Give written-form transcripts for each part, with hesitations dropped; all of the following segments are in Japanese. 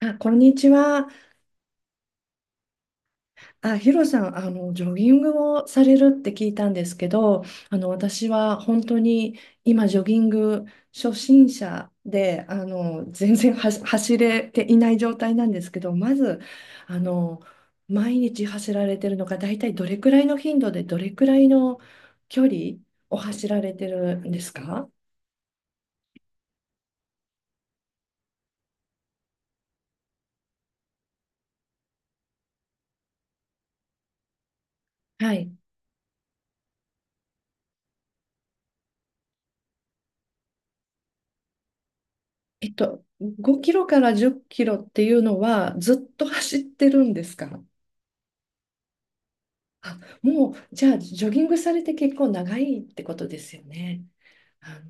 あ、こんにちは。あ、ヒロさん、ジョギングをされるって聞いたんですけど、私は本当に今、ジョギング初心者で、全然走れていない状態なんですけど、まず、あの、毎日走られてるのが、大体どれくらいの頻度で、どれくらいの距離を走られてるんですか？はい。5キロから10キロっていうのは、ずっと走ってるんですか？あ、もう、じゃあ、ジョギングされて結構長いってことですよね。あ、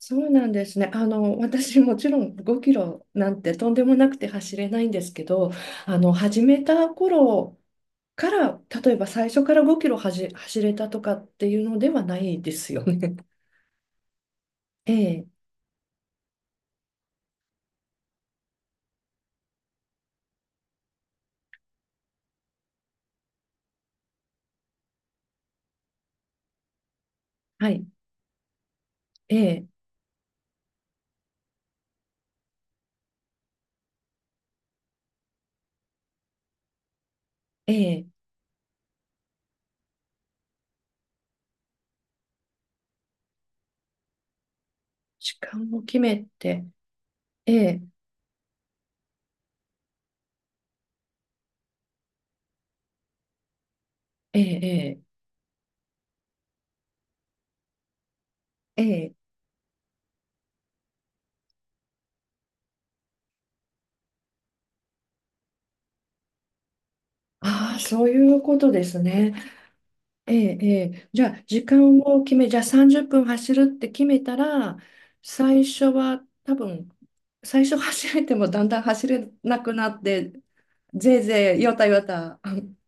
そうなんですね。私もちろん5キロなんてとんでもなくて走れないんですけど、始めた頃から、例えば最初から5キロ走れたとかっていうのではないですよね。ええ、はい、ええ、ええ、時間を決めて、ええ、ええ、ええ、ええ、ああ、そういうことですね。ええ、ええ、じゃあ30分走るって決めたら、最初は多分、最初走れてもだんだん走れなくなって、ぜいぜい、よたよた。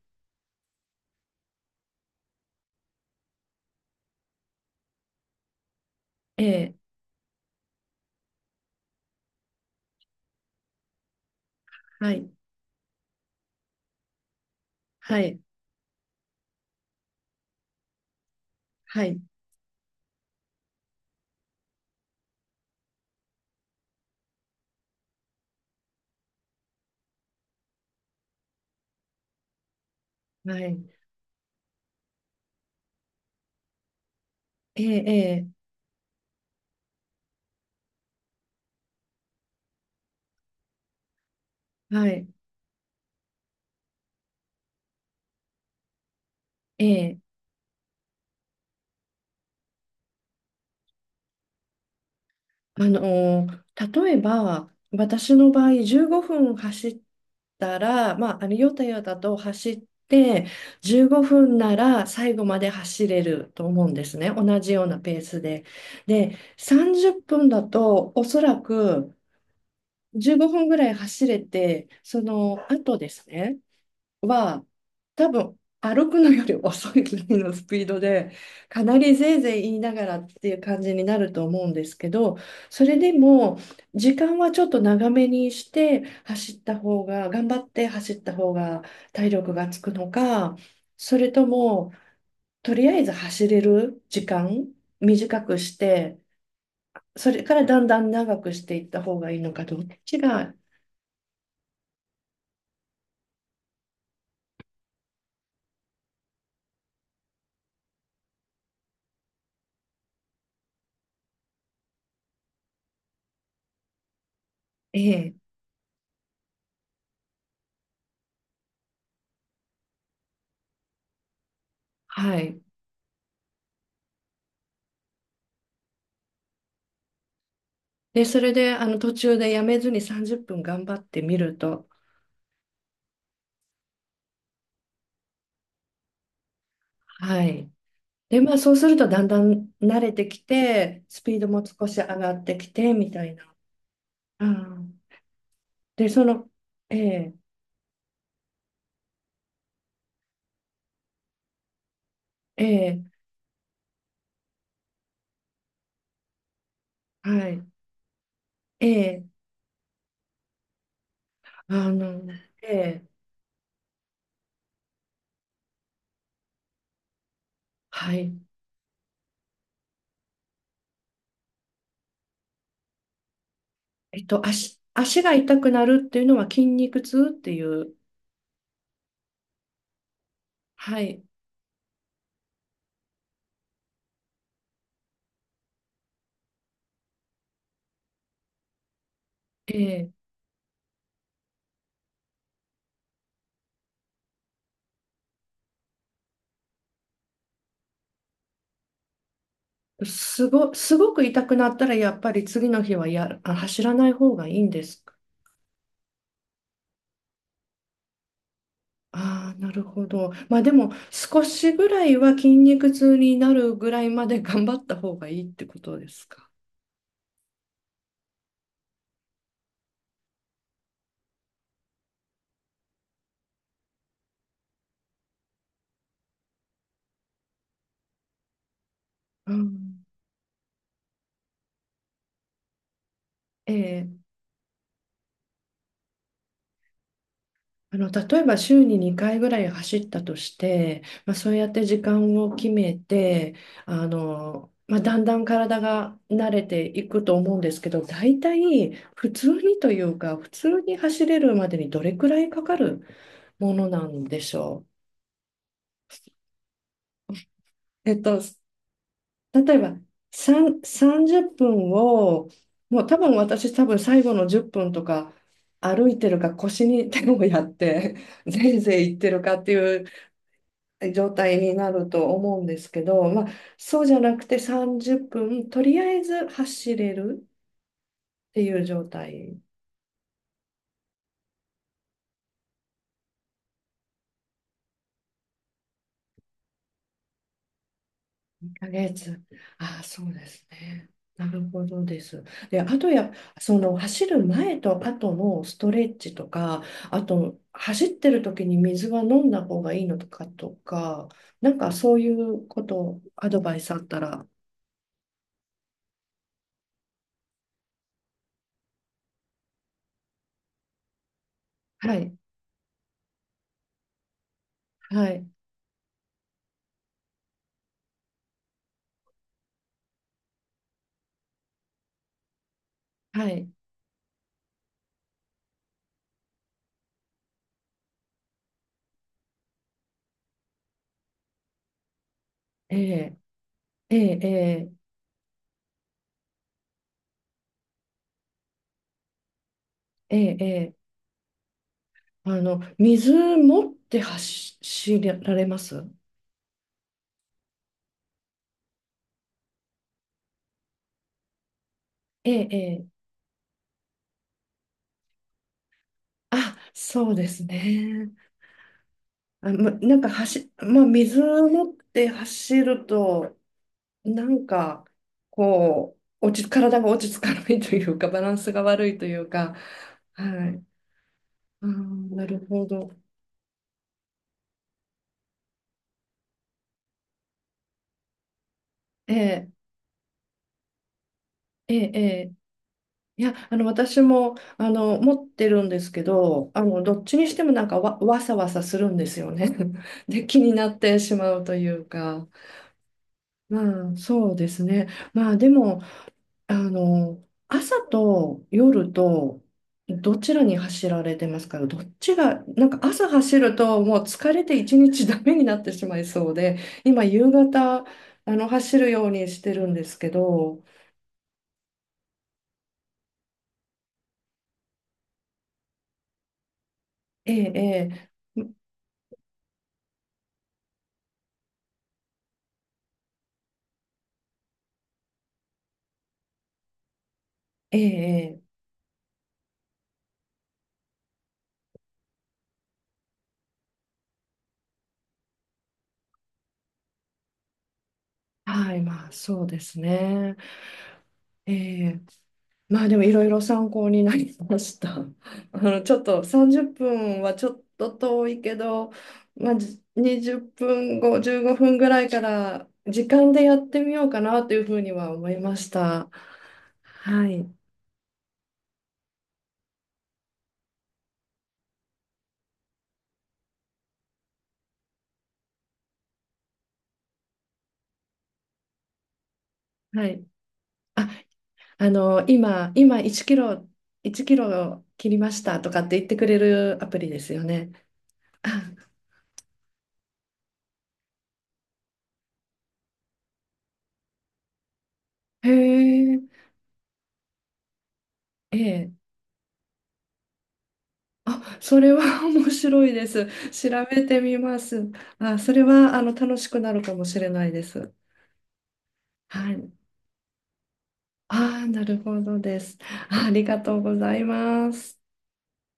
ええ、はい、はい、はい、はい、ええ、ええ、はい、ええ。あのー例えば私の場合15分走ったら、まあ、ヨタヨタと走って15分なら最後まで走れると思うんですね、同じようなペースで。で、30分だとおそらく15分ぐらい走れて、その後ですねは、多分歩くのより遅いぐらいのスピードで、かなりぜいぜい言いながらっていう感じになると思うんですけど、それでも、時間はちょっと長めにして走った方が、頑張って走った方が体力がつくのか、それとも、とりあえず走れる時間短くして、それからだんだん長くしていった方がいいのか、どっちが、ええ、はい。で、それで、途中でやめずに30分頑張ってみると、はい。で、まあ、そうするとだんだん慣れてきて、スピードも少し上がってきて、みたいな。うん、で、その、ええ、ええ、はい、ええ、あの、ええ、はい。足が痛くなるっていうのは筋肉痛っていう、はい、ええ、すごく痛くなったら、やっぱり次の日は走らない方がいいんです？ああ、なるほど。まあでも、少しぐらいは筋肉痛になるぐらいまで頑張った方がいいってことですか。うん、ええ、例えば週に2回ぐらい走ったとして、まあ、そうやって時間を決めて、まあ、だんだん体が慣れていくと思うんですけど、大体普通にというか、普通に走れるまでにどれくらいかかるものなんでしょう。例えば、30分を、もう多分私多分最後の10分とか歩いてるか腰に手をやって、ぜいぜい行ってるかっていう状態になると思うんですけど、まあ、そうじゃなくて30分、とりあえず走れるっていう状態。ヶ月。ああ、そうですね。なるほどです。で、あとその走る前と後のストレッチとか、あと走ってる時に水は飲んだ方がいいのとかとか、なんかそういうこと、アドバイスあったら、はい、はい、はい、ええ、ええ、ええ、ええ、ええ、水持って走られます？ええ、ええ、あ、そうですね。あ、ま、なんかまあ、水を持って走ると、なんか、こう、体が落ち着かないというか、バランスが悪いというか、はい。あー、なるほど。ええ、ええ、ええ。いや、私も、持ってるんですけど、どっちにしてもなんかわさわさするんですよね。で、気になってしまうというか、まあ、そうですね。まあ、でも、朝と夜とどちらに走られてますか？どっちが、なんか朝走るともう疲れて一日ダメになってしまいそうで、今夕方、走るようにしてるんですけど、ええ、ええ、ええ、ええ、はい、まあそうですね。ええ、まあでもいろいろ参考になりました。ちょっと30分はちょっと遠いけど、まあ、20分後、15分ぐらいから時間でやってみようかなというふうには思いました。はい。はい。あ、今1キロ、1キロ切りましたとかって言ってくれるアプリですよね。あ、へえ、ええ。あ、それは 面白いです。調べてみます。あ、それは楽しくなるかもしれないです。はい。ああ、なるほどです。ありがとうございます。